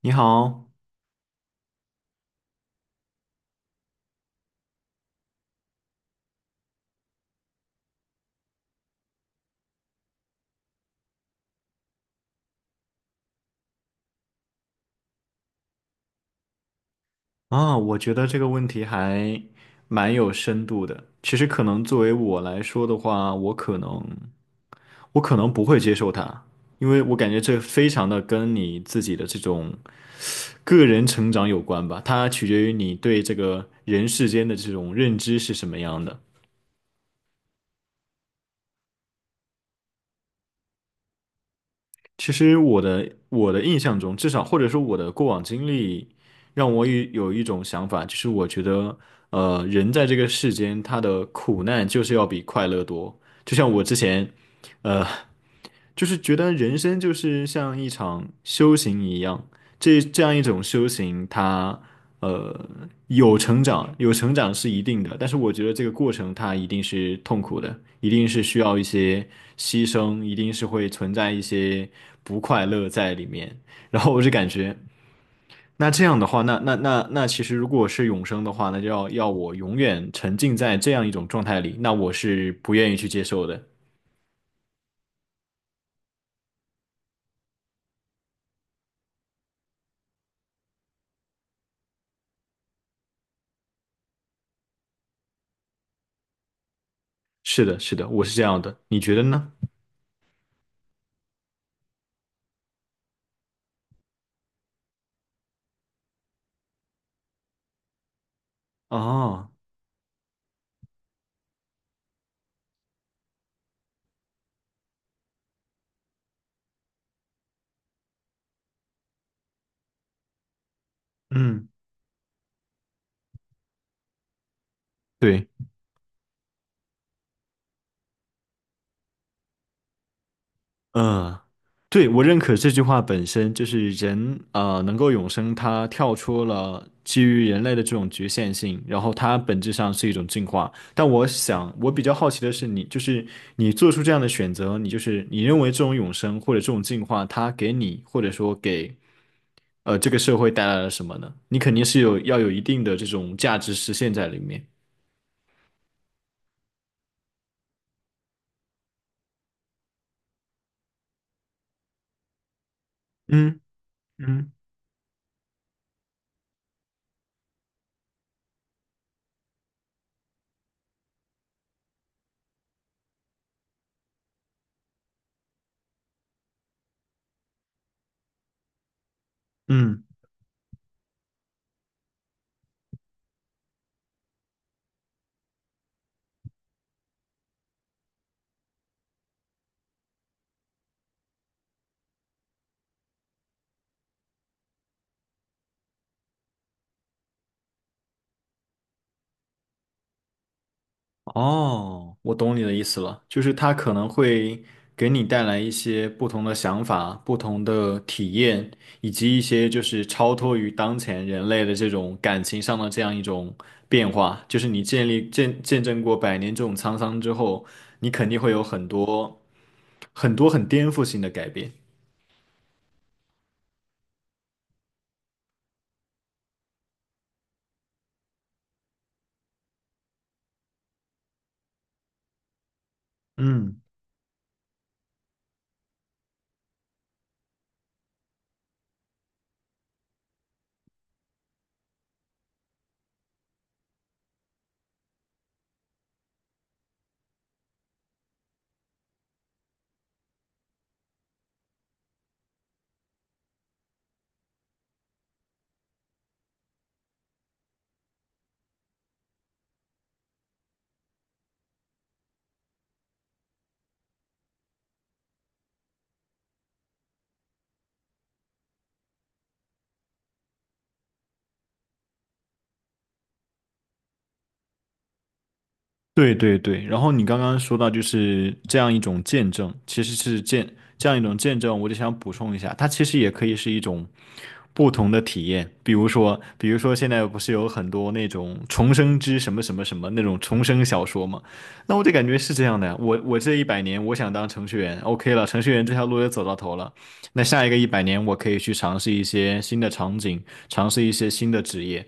你好啊，我觉得这个问题还蛮有深度的。其实可能作为我来说的话，我可能不会接受它，因为我感觉这非常的跟你自己的这种个人成长有关吧，它取决于你对这个人世间的这种认知是什么样的。其实我的印象中，至少或者说我的过往经历，让我有一种想法，就是我觉得，人在这个世间，他的苦难就是要比快乐多。就像我之前，呃，就是觉得人生就是像一场修行一样，这样一种修行它，呃有成长是一定的，但是我觉得这个过程它一定是痛苦的，一定是需要一些牺牲，一定是会存在一些不快乐在里面。然后我就感觉，那这样的话，那其实如果是永生的话，那就要我永远沉浸在这样一种状态里，那我是不愿意去接受的。是的，是的，我是这样的，你觉得呢？哦，嗯。对，呃，对，我认可这句话本身就是人啊能够永生，它跳出了基于人类的这种局限性，然后它本质上是一种进化。但我想，我比较好奇的是你，就是你做出这样的选择，你就是你认为这种永生或者这种进化，它给你或者说给这个社会带来了什么呢？你肯定是要有一定的这种价值实现在里面。嗯嗯。嗯。哦，我懂你的意思了，就是它可能会给你带来一些不同的想法、不同的体验，以及一些就是超脱于当前人类的这种感情上的这样一种变化。就是你建立见见证过百年这种沧桑之后，你肯定会有很多很多很颠覆性的改变。嗯。对对对，然后你刚刚说到就是这样一种见证，其实是这样一种见证，我就想补充一下，它其实也可以是一种不同的体验，比如说现在不是有很多那种重生之什么什么什么那种重生小说嘛，那我就感觉是这样的呀，我这一百年我想当程序员，OK 了，程序员这条路也走到头了，那下一个一百年我可以去尝试一些新的场景，尝试一些新的职业。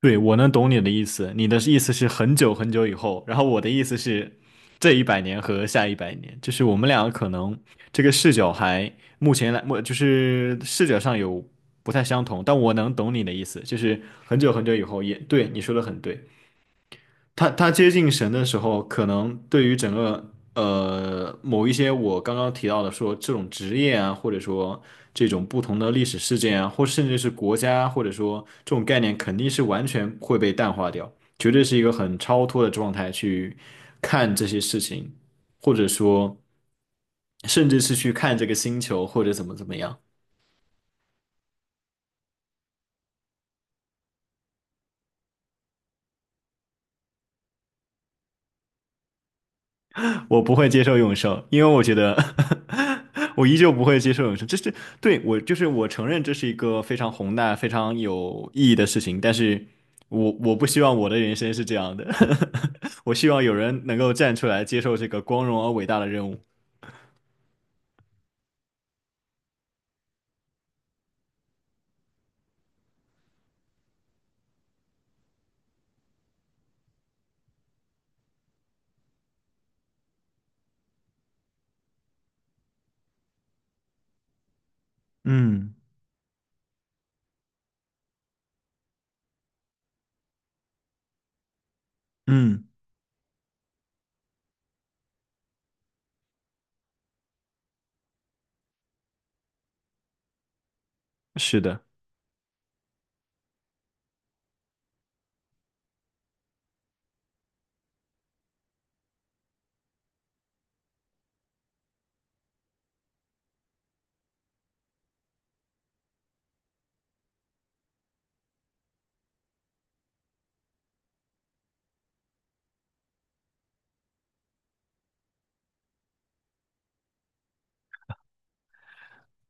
对，我能懂你的意思，你的意思是很久很久以后，然后我的意思是这一百年和下100年，就是我们两个可能这个视角还目前来，我就是视角上有不太相同，但我能懂你的意思，就是很久很久以后也对，你说的很对。他接近神的时候，可能对于整个某一些我刚刚提到的说这种职业啊，或者说这种不同的历史事件啊，或甚至是国家，或者说这种概念，肯定是完全会被淡化掉，绝对是一个很超脱的状态去看这些事情，或者说甚至是去看这个星球或者怎么怎么样。我不会接受永生，因为我觉得 我依旧不会接受永生。这是对我，就是我承认这是一个非常宏大、非常有意义的事情，但是我不希望我的人生是这样的。我希望有人能够站出来接受这个光荣而伟大的任务。嗯嗯，是的。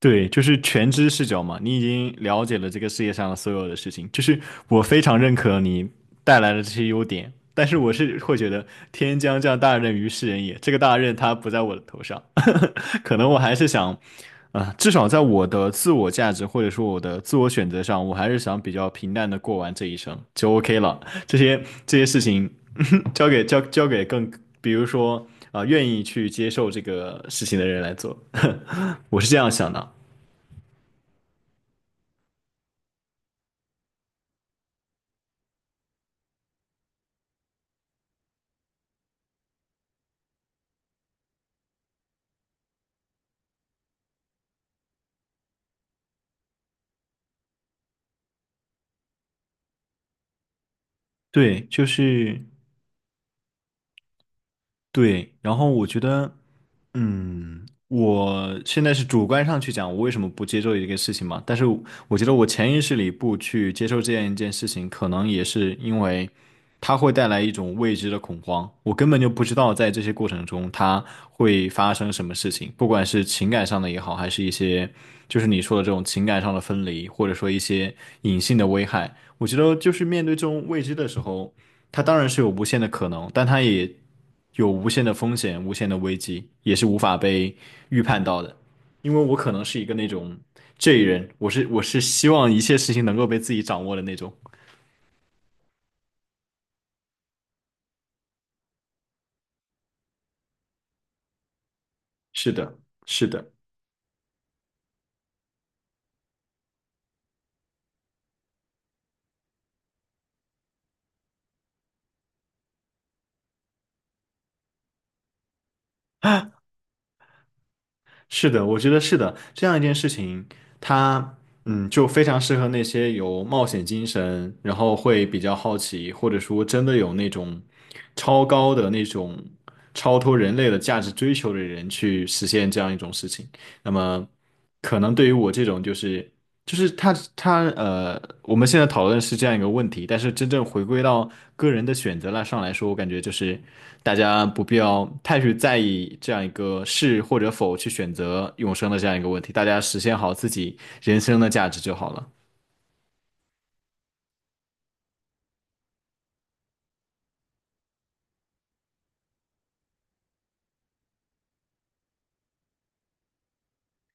对，就是全知视角嘛，你已经了解了这个世界上的所有的事情，就是我非常认可你带来的这些优点，但是我是会觉得天将降大任于斯人也，这个大任它不在我的头上，可能我还是想，啊、至少在我的自我价值或者说我的自我选择上，我还是想比较平淡的过完这一生就 OK 了，这些事情 交给，比如说啊、愿意去接受这个事情的人来做，我是这样想的啊。对，就是对。然后我觉得，我现在是主观上去讲，我为什么不接受一个事情嘛？但是我觉得我潜意识里不去接受这样一件事情，可能也是因为它会带来一种未知的恐慌。我根本就不知道在这些过程中它会发生什么事情，不管是情感上的也好，还是一些就是你说的这种情感上的分离，或者说一些隐性的危害。我觉得就是面对这种未知的时候。它当然是有无限的可能，但它也有无限的风险、无限的危机，也是无法被预判到的。因为我可能是一个那种 J 人，我是希望一切事情能够被自己掌握的那种。是的，是的，是的，我觉得是的。这样一件事情，它就非常适合那些有冒险精神，然后会比较好奇，或者说真的有那种超高的那种超脱人类的价值追求的人去实现这样一种事情。那么，可能对于我这种就是他他呃，我们现在讨论是这样一个问题，但是真正回归到个人的选择了上来说，我感觉就是大家不必要太去在意这样一个是或者否去选择永生的这样一个问题，大家实现好自己人生的价值就好了。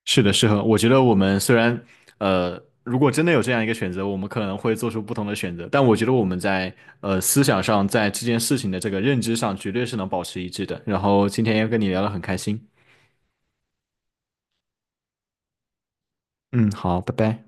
是的，是的，我觉得我们虽然，如果真的有这样一个选择，我们可能会做出不同的选择，但我觉得我们在思想上，在这件事情的这个认知上，绝对是能保持一致的。然后今天也跟你聊得很开心，嗯，好，拜拜。